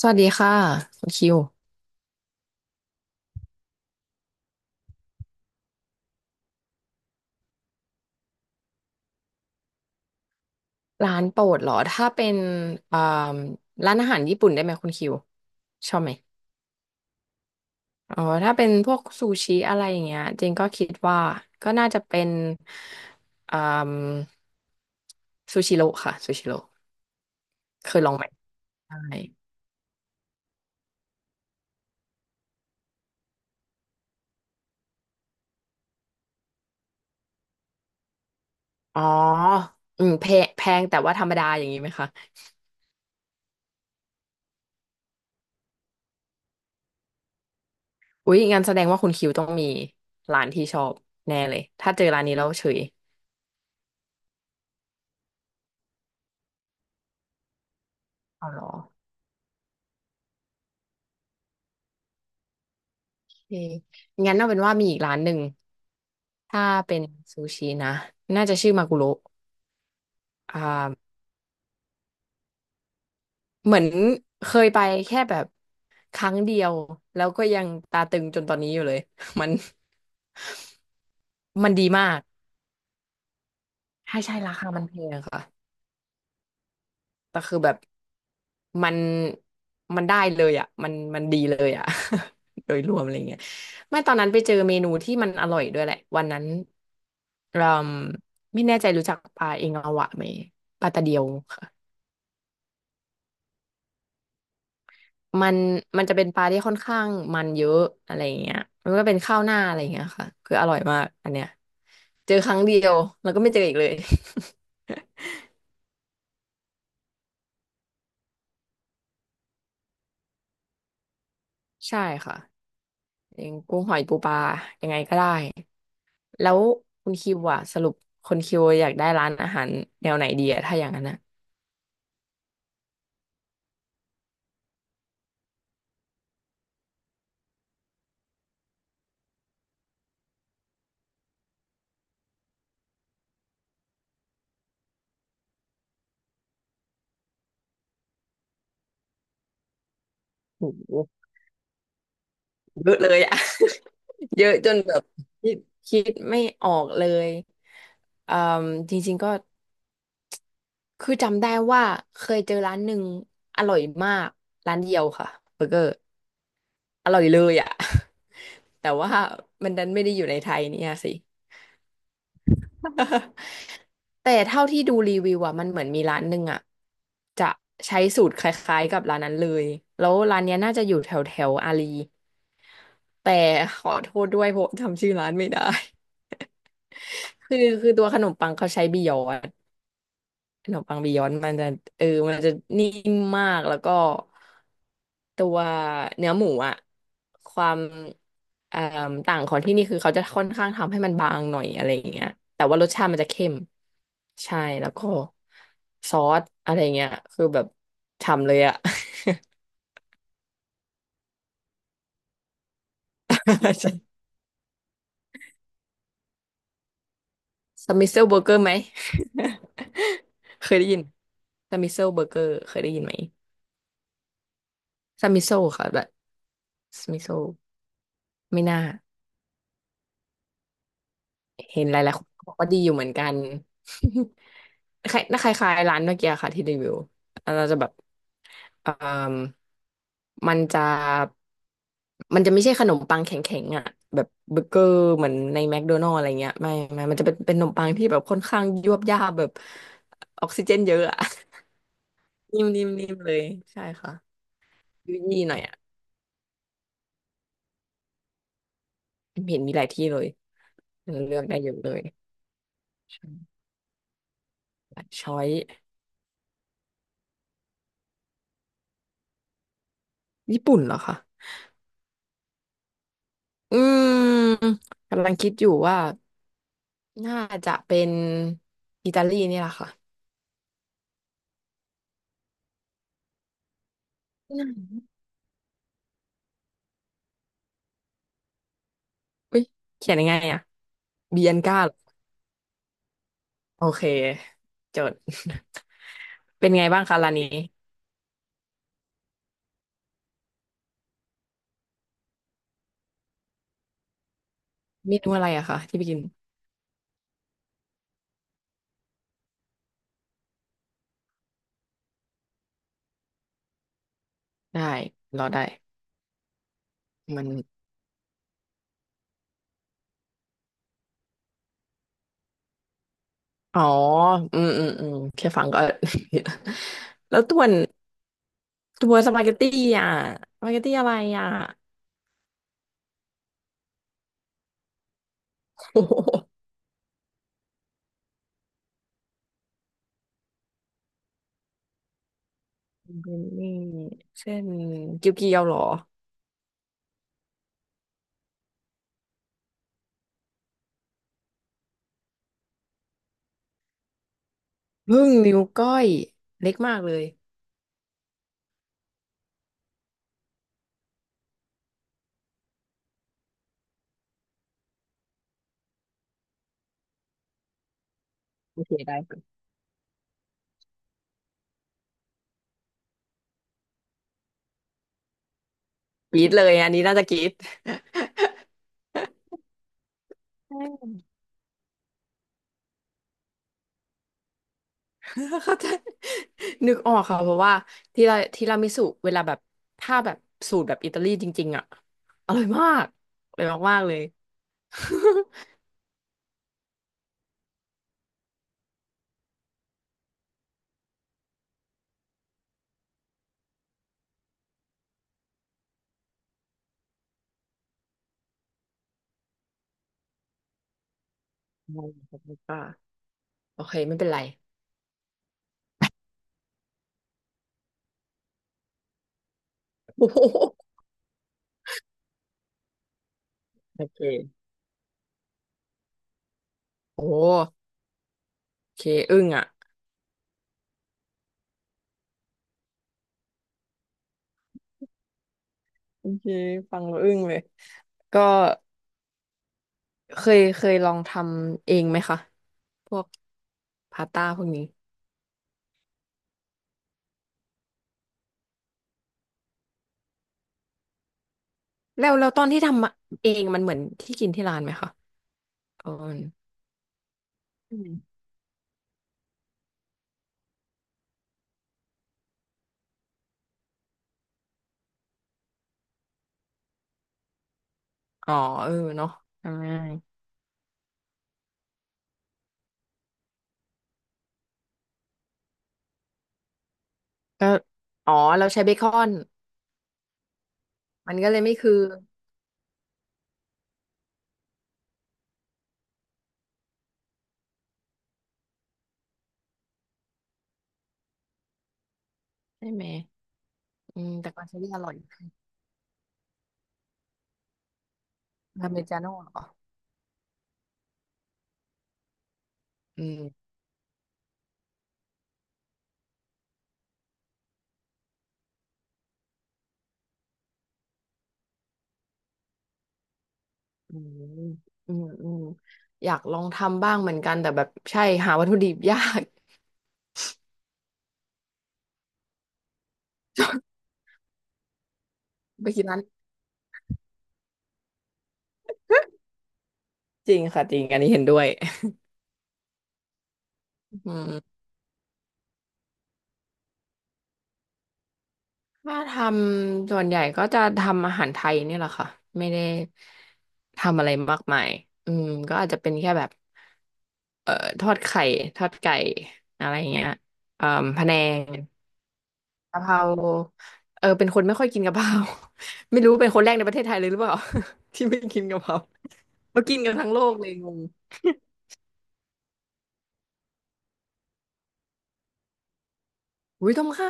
สวัสดีค่ะคุณคิวร้านโปรดเหรอถ้าเป็นอ่าร้านอาหารญี่ปุ่นได้ไหมคุณคิวชอบไหมอ๋อถ้าเป็นพวกซูชิอะไรอย่างเงี้ยจริงก็คิดว่าก็น่าจะเป็นอ่าซูชิโร่ค่ะซูชิโร่เคยลองไหมใช่อ๋ออืมแพงแพงแต่ว่าธรรมดาอย่างนี้ไหมคะอุ๊ยงั้นแสดงว่าคุณคิวต้องมีร้านที่ชอบแน่เลยถ้าเจอร้านนี้แล้วเฉยอ๋อเหรอโอเคงั้นเอาเป็นว่ามีอีกร้านหนึ่ง ถ้าเป็นซูชินะน่าจะชื่อมากุโระอ่าเหมือนเคยไปแค่แบบครั้งเดียวแล้วก็ยังตาตึงจนตอนนี้อยู่เลย มันมันดีมากใช่ใช่ราคามันแพงค่ะแต่คือแบบมันมันได้เลยอ่ะมันดีเลยอ่ะ โดยรวมอะไรเงี้ยไม่ตอนนั้นไปเจอเมนูที่มันอร่อยด้วยแหละวันนั้นเราไม่แน่ใจรู้จักปลาเองอวะไหมปลาตะเดียวค่ะ มันมันจะเป็นปลาที่ค่อนข้างมันเยอะอะไรอย่างเงี้ยมันก็เป็นข้าวหน้าอะไรอย่างเงี้ยค่ะคืออร่อยมากอันเนี้ยเจอครั้งเดียวแล้วก็ไม่เจออีกเลย ใช่ค่ะอย่างกุ้งหอยปูปลายังไงก็ได้แล้วคุณคิวอะสรุปคนคิวอยากได้ร้านอาหารแนวไหนดีอะถ้าอย่างนั้นอะโอ้โหเยอะเลยอะ เยอะจนแบบคิดคิดไม่ออกเลยอืมจริงๆก็ คือจำได้ว่าเคยเจอร้านหนึ่งอร่อยมากร้านเดียวค่ะเบอร์เกอร์อร่อยเลยอ่ะ แต่ว่ามันดันไม่ได้อยู่ในไทยเนี่ยสิ แต่เท่าที่ดูรีวิวอ่ะมันเหมือนมีร้านหนึ่งอ่ะจะใช้สูตรคล้ายๆกับร้านนั้นเลยแล้วร้านเนี้ยน่าจะอยู่แถวแถวอารีแต่ขอโทษด้วยเพราะจำชื่อร้านไม่ได้ คือตัวขนมปังเขาใช้บียอน ขนมปังบียอนด์มันจะเออมันจะนิ่มมากแล้วก็ตัวเนื้อหมูอะความเอ่อต่างของที่นี่คือเขาจะค่อนข้างทำให้มันบางหน่อยอะไรอย่างเงี้ยแต่ว่ารสชาติมันจะเข้มใช่แล้วก็ซอสอะไรเงี้ยคือแบบฉ่ำเลยอะ สมิเซลเบอร์เกอร์ไหม เคยได้ยินสมิเซลเบอร์เกอร์เคยได้ยินไหมสมิโซค่ะแบบสมิโซไม่น่า เห็นหลายๆคนบอกว่าดีอยู่เหมือนกัน คล้ายน่าคล้ายๆร้านเมื่อกี้ค่ะที่รีวิวเราจะแบบเอ่มมันจะมันจะไม่ใช่ขนมปังแข็งๆอ่ะแบบเบอร์เกอร์เหมือนในแมคโดนัลด์อะไรเงี้ยไม่มันจะเป็นขนมปังที่แบบค่อนข้างยวบยาบแบบออกซิเจนเยอะอ่ะ นิ่มนิ่มนิ่มเลยใช่ค่ะยุ่ยๆหน่อยอ่ะเห็นมีหลายที่เลยเลือกได้เยอะเลยช้อยญี่ปุ่นเหรอคะอืมกำลังคิดอยู่ว่า น่าจะเป็นอิตาลีนี่แหละค่ะอืมอุ๊ยเขียนยังไงอ่ะเบียนก้าเหรอโอเคจด เป็นไงบ้างคะร้านนี้เมนูอะไรอะคะที่ไปกินได้รอได้มันอ๋ออืมอืมอืมแค่ฟังก็ แล้วตัวนตัวสปาเกตตี้อ่ะสปาเกตตี้อะไรอ่ะโอ้โหเป็นนี่ เส้นเกี๊ยวๆเหรอพึ่งนิ้วก้อยเล็กมากเลยโอเคได้ กรี๊ดเลยอันนี้น่าจะกรี๊ดใช่ เข้าใจนึกออกค่ะเพราะว่าทีราทีรามิสุเวลาแบบถ้าแบบสูตรแบบอิตาลีจริงๆอ่ะอร่อยมากอร่อยมากๆเลย ไม่ครับไม่กล้าโอเคไม่เป็นไร โอ้โหโอเคโอ้โหโอเคอึ้งอ่ะโอเคฟังแล้วอึ้งเลยก็เคยลองทำเองไหมคะพวกพาสต้าพวกนี้แล้วตอนที่ทำเองมันเหมือนที่กินที่ร้านไหมคะอ๋อ อืมอ๋อเออเนาะทำง่ายก็อ๋อเราใช้เบคอนมันก็เลยไม่คือใช่ไหมอืมแต่ก็ใช้ได้อร่อยอเมริกาโน่เหรออืมอืมอืมอืมอยากลองทำบ้างเหมือนกันแต่แบบใช่หาวัตถุดิบยาก ไปกินร้านจริงค่ะจริงอันนี้เห็นด้วยอืมถ้าทำส่วนใหญ่ก็จะทำอาหารไทยเนี่ยแหละค่ะไม่ได้ทำอะไรมากมายอืมก็อาจจะเป็นแค่แบบ เอ่อทอดไข่ทอดไก่อะไรอย่างเงี้ยเอ่อพะแนงกะเพราเออเป็นคนไม่ค่อยกินกะเพรา ไม่รู้เป็นคนแรกในประเทศไทยเลยหรือเปล่า ที่ไม่กินกะเพรามากินกันทั้งโลกเลยงงอุ้ยต้มข่า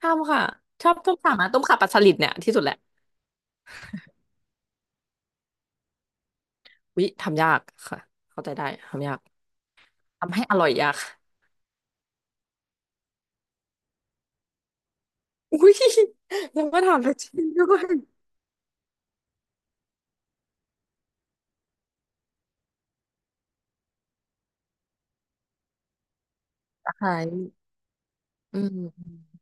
ทำค่ะชอบต้มข่ามาต้มข่าปลาสลิดเนี่ยที่สุดแหละวิ้ทำยากค่ะเข้าใจได้ทำยากทำให้อร่อยยาก อุ้ยแล้วก็ทำแล้วชรินด้วยตาหารอืม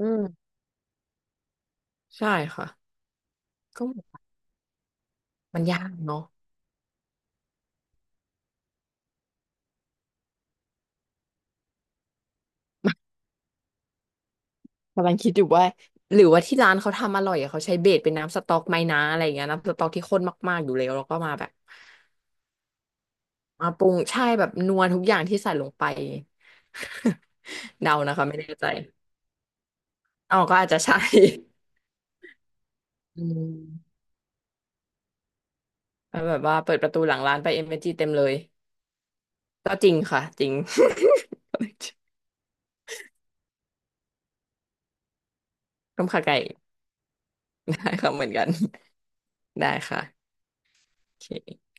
อืมใช่ค่ะก็มันยากเนาะ กำลังคิดอยู่ว่าหรือว่าที่ร้านเขาทำอร่อยอะเขาใช้เบสเป็นน้ำสต๊อกไหมนะอะไรอย่างเงี้ยน้ำสต๊อกที่ข้นมากๆอยู่แล้วแล้วก็มาแบบมาปรุงใช่แบบนัวทุกอย่างที่ใส่ลงไป เดานะคะไม่แน่ใจอ๋อก็อาจจะใช่อืมแล้วแบบว่าเปิดประตูหลังร้านไปเอเนอร์จีเต็มเลยก็จริงค่ะจริง ต้มข่าไก่ ได้ค่ะเหมือนกันได้ค่ะโอเค